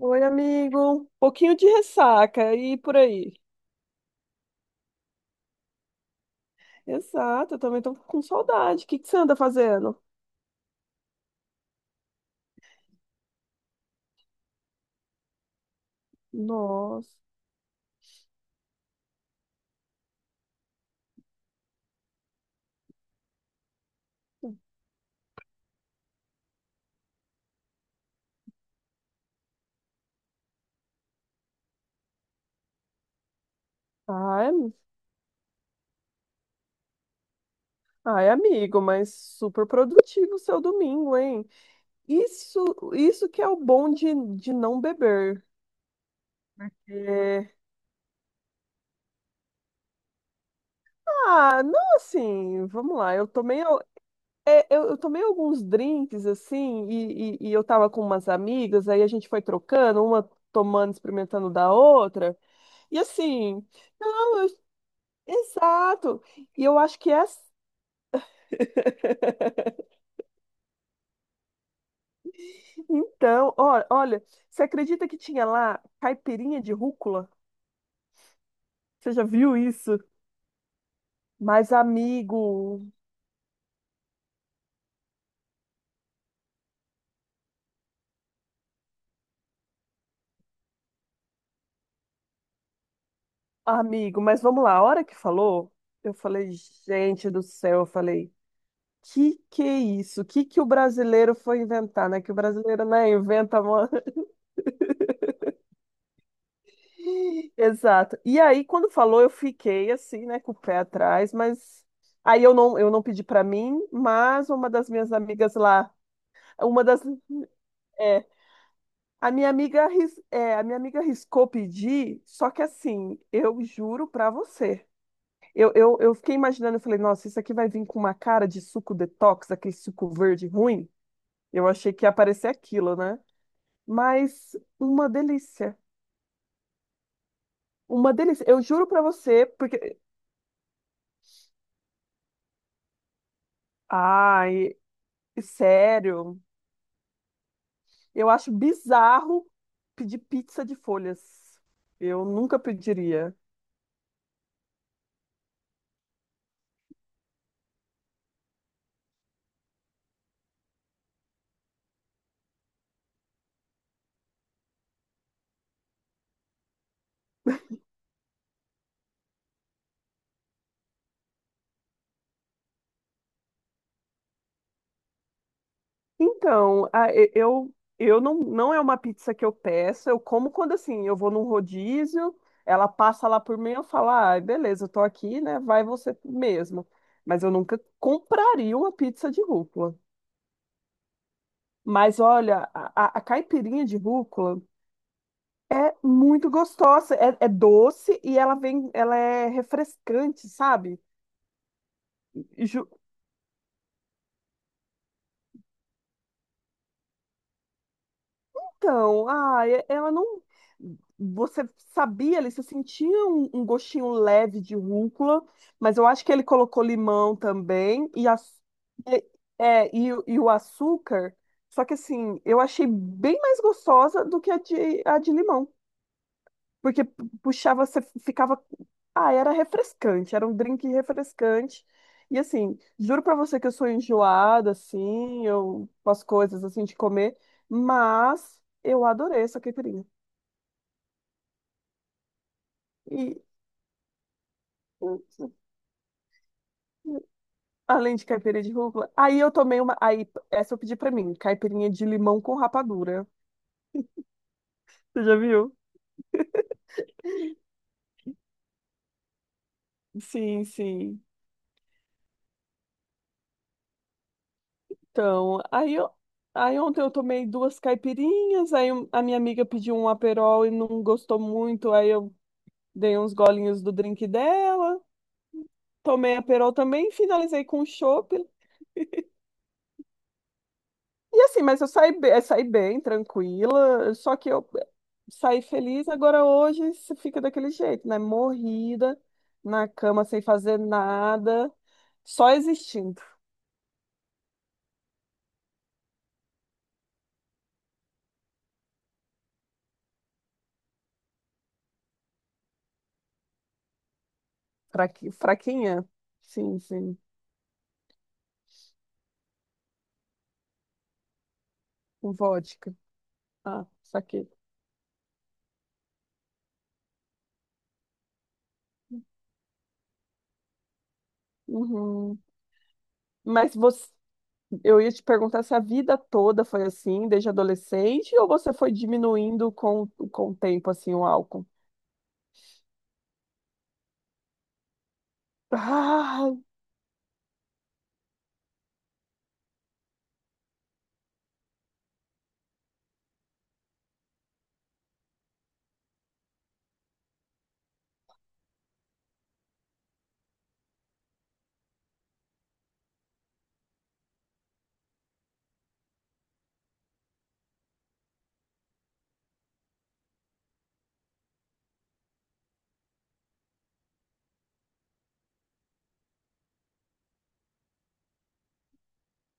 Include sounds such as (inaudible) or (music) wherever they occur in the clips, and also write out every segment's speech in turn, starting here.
Oi, amigo. Pouquinho de ressaca e por aí. Exato, eu também tô com saudade. O que que você anda fazendo? Nossa. Ai, am- Ai, amigo, mas super produtivo o seu domingo, hein? Isso, isso que é o bom de não beber. É, ah, não, assim, vamos lá. É, eu tomei alguns drinks, assim, e eu tava com umas amigas, aí a gente foi trocando, uma tomando, experimentando da outra. E assim. Exato. E eu acho que é (laughs) Então, olha, você acredita que tinha lá caipirinha de rúcula? Você já viu isso? Mas amigo, amigo, mas vamos lá, a hora que falou, eu falei, gente do céu, eu falei, que é isso? Que o brasileiro foi inventar, né? Que o brasileiro, né, inventa uma, exato. E aí, quando falou, eu fiquei assim, né, com o pé atrás, mas aí eu não pedi para mim, mas uma das minhas amigas lá, uma das, é, a minha amiga, a minha amiga riscou pedir, só que assim, eu juro para você, eu fiquei imaginando, eu falei, nossa, isso aqui vai vir com uma cara de suco detox, aquele suco verde ruim. Eu achei que ia aparecer aquilo, né? Mas uma delícia. Uma delícia. Eu juro para você, porque ai, sério, eu acho bizarro pedir pizza de folhas. Eu nunca pediria. Então, eu não é uma pizza que eu peço, eu como quando assim, eu vou num rodízio, ela passa lá por mim, eu falo: "Ah, beleza, eu tô aqui, né? Vai você mesmo". Mas eu nunca compraria uma pizza de rúcula. Mas olha, a caipirinha de rúcula é muito gostosa, é doce e ela vem, ela é refrescante, sabe? Então, ah, ela não. Você sabia ali, você sentia um gostinho leve de rúcula, mas eu acho que ele colocou limão também e, a, e, é, e o açúcar. Só que assim, eu achei bem mais gostosa do que a de limão. Porque puxava, você ficava. Ah, era refrescante, era um drink refrescante. E assim, juro pra você que eu sou enjoada, assim, eu com as coisas assim de comer, mas eu adorei essa caipirinha. E além de caipirinha de rúcula, aí eu tomei uma. Aí, essa eu pedi pra mim, caipirinha de limão com rapadura. Você já viu? Sim, sim. Então, aí ontem eu tomei duas caipirinhas, aí a minha amiga pediu um aperol e não gostou muito, aí eu dei uns golinhos do drink dela, tomei a Perol também, finalizei com o chopp. E assim, mas eu saí, saí bem, tranquila, só que eu saí feliz. Agora hoje você fica daquele jeito, né? Morrida, na cama, sem fazer nada, só existindo. Fraquinha? Sim, sim, com vodka. Ah, saquei. Uhum. Mas você. Eu ia te perguntar se a vida toda foi assim, desde adolescente, ou você foi diminuindo com o tempo, assim, o álcool? Ah,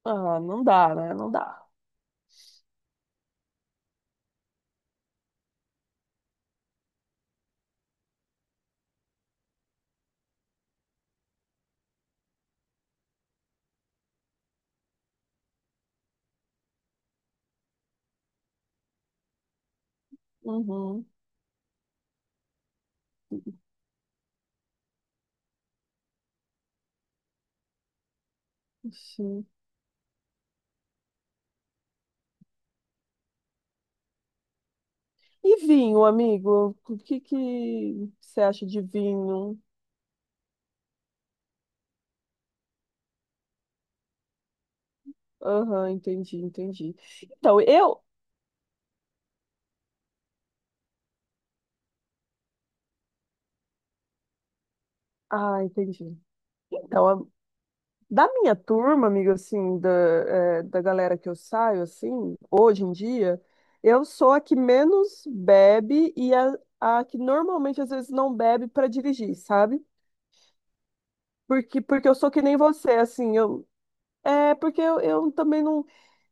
ah, não dá, né? Não dá. Uhum, sim. E vinho, amigo? O que que você acha de vinho? Aham, entendi, entendi. Então, eu... Ah, entendi. Então, da minha turma, amiga, assim, da galera que eu saio, assim, hoje em dia, eu sou a que menos bebe e a que normalmente às vezes não bebe para dirigir, sabe? Porque, porque eu sou que nem você, assim, eu, é porque eu também não,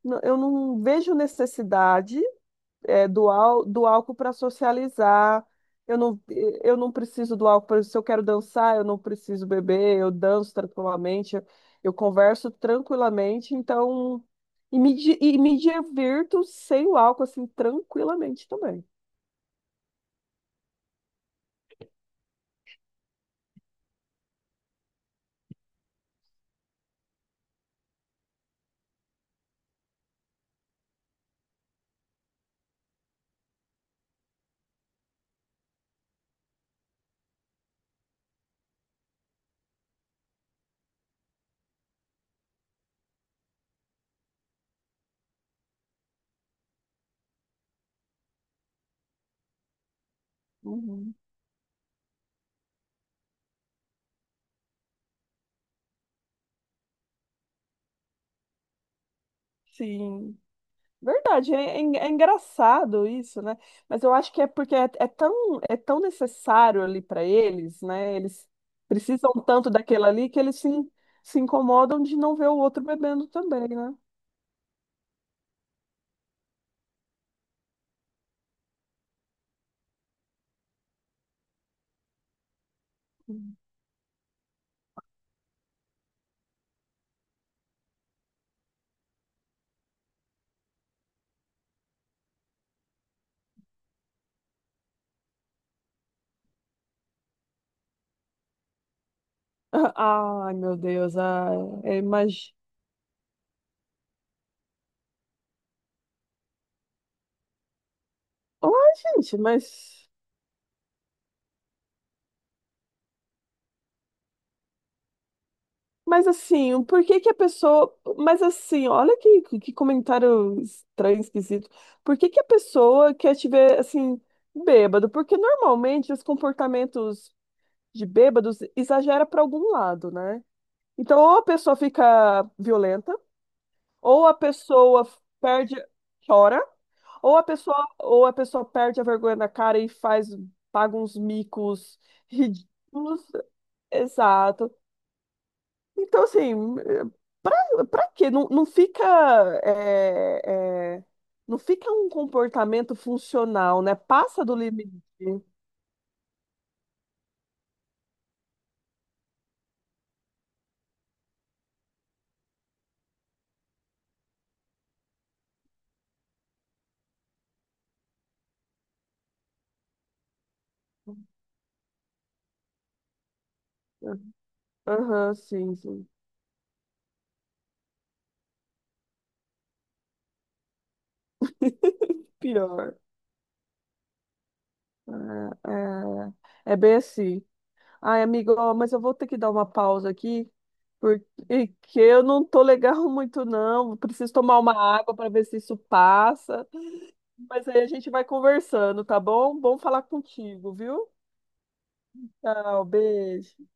eu não vejo necessidade é, do álcool para socializar. Eu não, eu não preciso do álcool. Por exemplo, se eu quero dançar, eu não preciso beber, eu danço tranquilamente, eu converso tranquilamente, então. E me divirto sem o álcool, assim, tranquilamente também. Uhum. Sim. Verdade, é, é engraçado isso, né? Mas eu acho que é porque é tão necessário ali para eles, né? Eles precisam tanto daquilo ali que eles se incomodam de não ver o outro bebendo também, né? (laughs) Ai, meu Deus, ai, imagina. Ai, gente, mas assim, por que que a pessoa. Mas assim, olha que comentário estranho, esquisito. Por que que a pessoa quer te ver assim, bêbado? Porque normalmente os comportamentos de bêbados exagera para algum lado, né? Então, ou a pessoa fica violenta, ou a pessoa perde, chora, ou a pessoa perde a vergonha na cara e faz, paga uns micos ridículos. Exato. Então, assim, pra, pra quê? Não, não fica, é, é, não fica um comportamento funcional, né? Passa do limite. Aham, sim, sim. Pior. Ah, ah. É bem assim. Ai, amigo, ó, mas eu vou ter que dar uma pausa aqui, porque eu não tô legal (laughs) muito, não. Preciso tomar uma água para ver se isso passa. Mas aí a gente vai conversando, tá bom? Bom falar contigo, viu? Tchau, beijo.